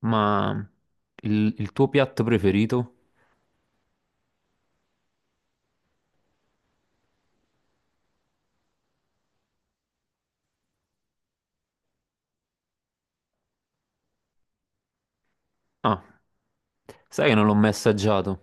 Ma il tuo piatto preferito? Ah, sai che non l'ho mai assaggiato.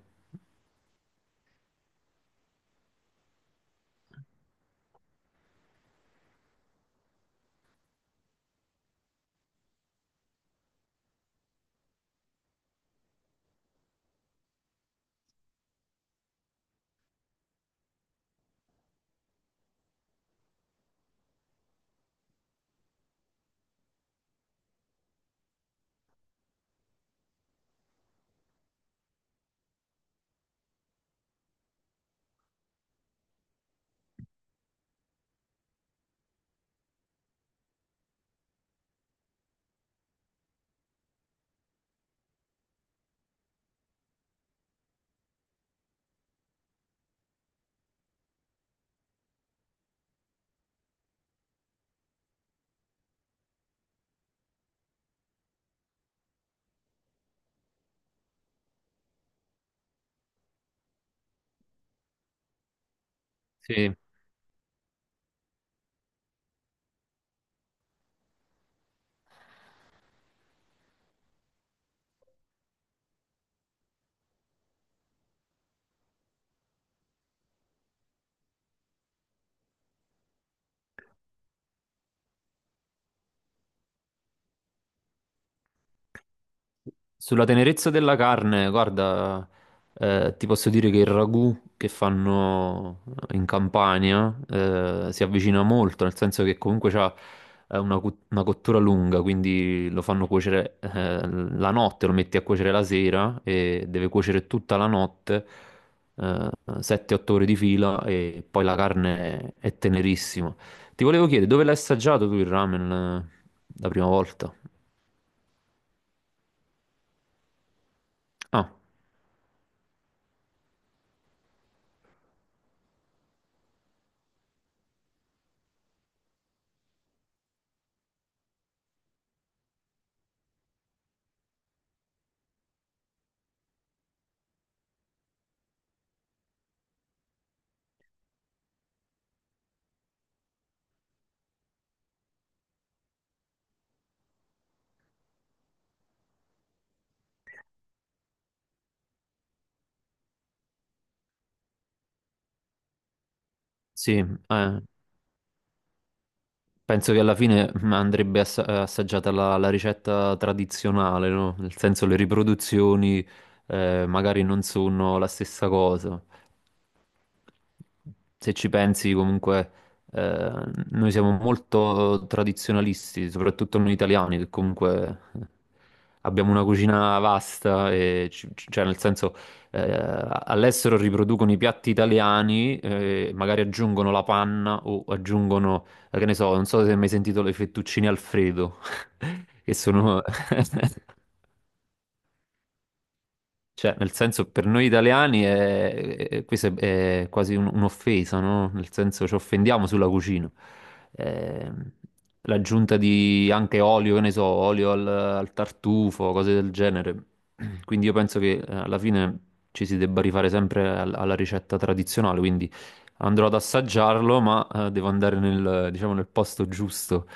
Sì. Sulla tenerezza della carne, guarda, ti posso dire che il ragù che fanno in Campania si avvicina molto, nel senso che comunque c'ha una cottura lunga, quindi lo fanno cuocere la notte, lo metti a cuocere la sera e deve cuocere tutta la notte, eh, 7-8 ore di fila e poi la carne è tenerissima. Ti volevo chiedere, dove l'hai assaggiato tu il ramen la prima volta? Ah, sì, eh. Penso che alla fine assaggiata la ricetta tradizionale, no? Nel senso le riproduzioni magari non sono la stessa cosa se ci pensi comunque, eh, noi siamo molto tradizionalisti, soprattutto noi italiani, che comunque abbiamo una cucina vasta, e cioè nel senso, eh, all'estero riproducono i piatti italiani, magari aggiungono la panna o aggiungono, che ne so, non so se hai mai sentito le fettuccine Alfredo, che sono... Cioè, nel senso, per noi italiani questa è quasi un'offesa, no? Nel senso, ci offendiamo sulla cucina. Ehm, L'aggiunta di anche olio, che ne so, olio al tartufo, cose del genere. Quindi io penso che alla fine ci si debba rifare sempre alla ricetta tradizionale, quindi andrò ad assaggiarlo, ma devo andare nel, diciamo, nel posto giusto,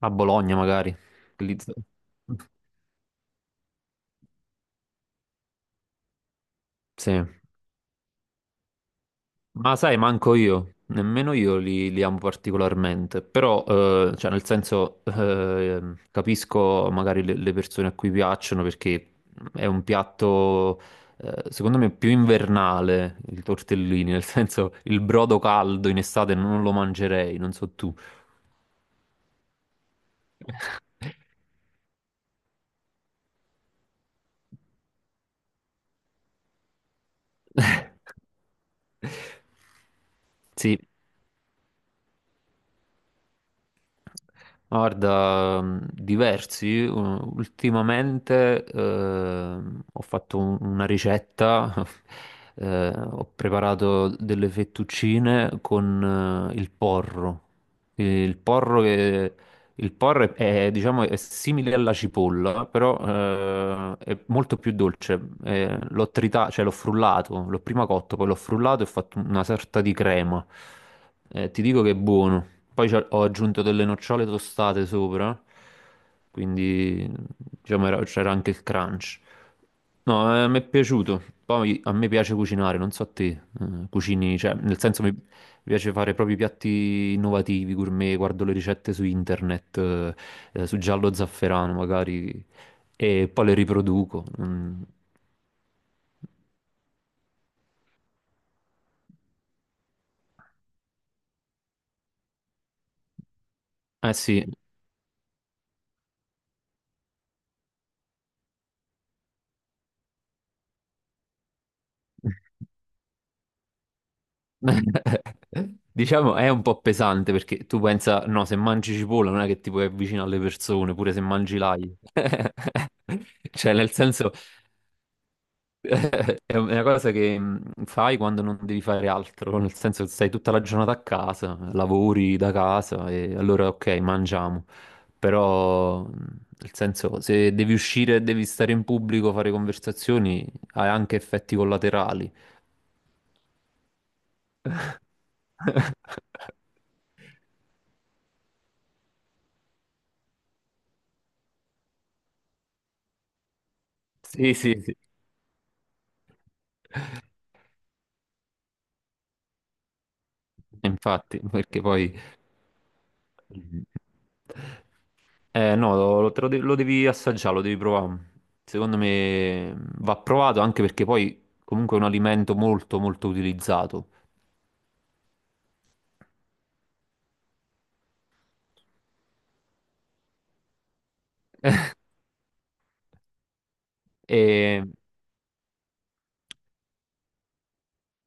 a Bologna magari. Lì- Sì. Ma sai, manco io, nemmeno io li amo particolarmente, però, cioè, nel senso, capisco magari le persone a cui piacciono perché è un piatto, secondo me, più invernale, il tortellini, nel senso, il brodo caldo in estate non lo mangerei, non so tu. Sì, guarda, diversi. Ultimamente una ricetta, ho preparato delle fettuccine con il porro. Il porro che il porro è, diciamo, è simile alla cipolla, però è molto più dolce. Cioè l'ho frullato, l'ho prima cotto, poi l'ho frullato e ho fatto una sorta di crema. Ti dico che è buono. Poi ho aggiunto delle nocciole tostate sopra, quindi diciamo, c'era anche il crunch. No, mi è piaciuto. Poi a me piace cucinare, non so te, cucini, cioè nel senso mi, mi piace fare proprio piatti innovativi, gourmet, guardo le ricette su internet, su giallo zafferano magari, e poi le riproduco. Mm. Eh sì, diciamo è un po' pesante perché tu pensa, no, se mangi cipolla non è che ti puoi avvicinare alle persone, pure se mangi l'aglio. Cioè, nel senso... È una cosa che fai quando non devi fare altro, nel senso che stai tutta la giornata a casa, lavori da casa e allora ok, mangiamo, però nel senso se devi uscire e devi stare in pubblico, fare conversazioni, hai anche effetti collaterali. Sì, sì, sì. Infatti, perché poi... no, lo devi assaggiare, lo devi provare. Secondo me, va provato anche perché poi comunque è un alimento molto molto utilizzato. E,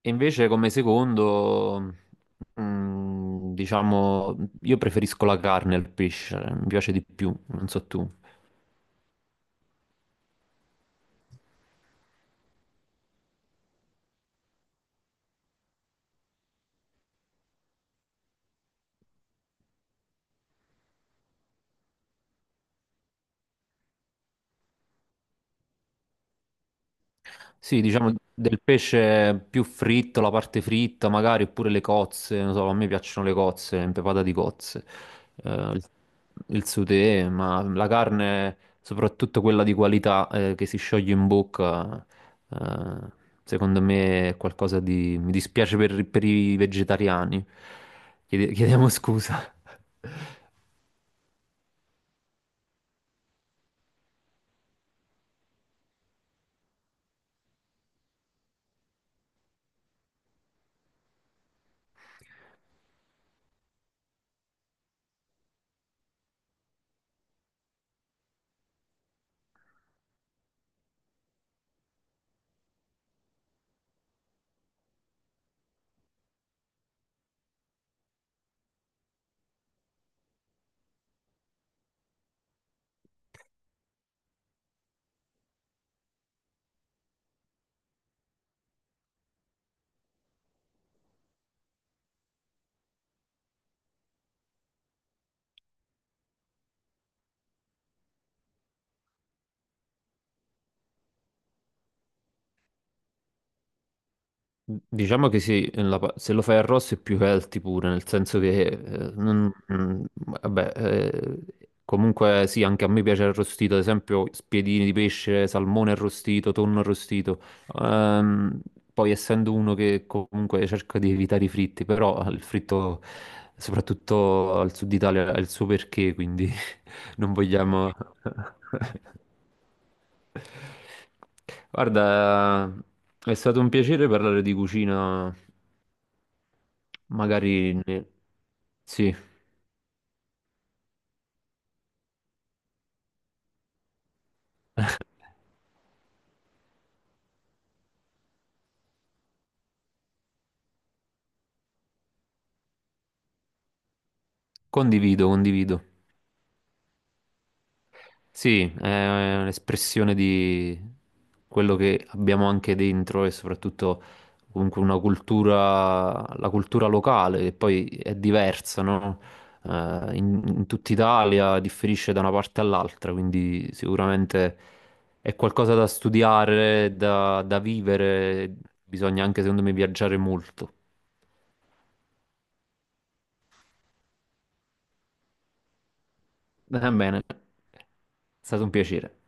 e invece come secondo, mm, diciamo, io preferisco la carne al pesce, mi piace di più, non so tu. Sì, diciamo del pesce più fritto, la parte fritta magari, oppure le cozze, non so, a me piacciono le cozze, impepata di cozze, eh, il, il sauté, ma la carne, soprattutto quella di qualità, che si scioglie in bocca, eh, secondo me è qualcosa di... mi dispiace per i vegetariani. Chiediamo scusa. Diciamo che sì, se lo fai arrosto è più healthy pure, nel senso che, vabbè, comunque sì, anche a me piace arrostito, ad esempio spiedini di pesce, salmone arrostito, tonno arrostito. Ehm, Poi essendo uno che comunque cerca di evitare i fritti, però il fritto, soprattutto al sud Italia, ha il suo perché, quindi non vogliamo... Guarda, è stato un piacere parlare di cucina. Magari ne- sì, condivido, condivido. Sì, è un'espressione di quello che abbiamo anche dentro e soprattutto comunque una cultura, la cultura locale che poi è diversa, no? In, in tutta Italia differisce da una parte all'altra, quindi sicuramente è qualcosa da studiare, da vivere, bisogna anche secondo me viaggiare molto. Va bene, è stato un piacere.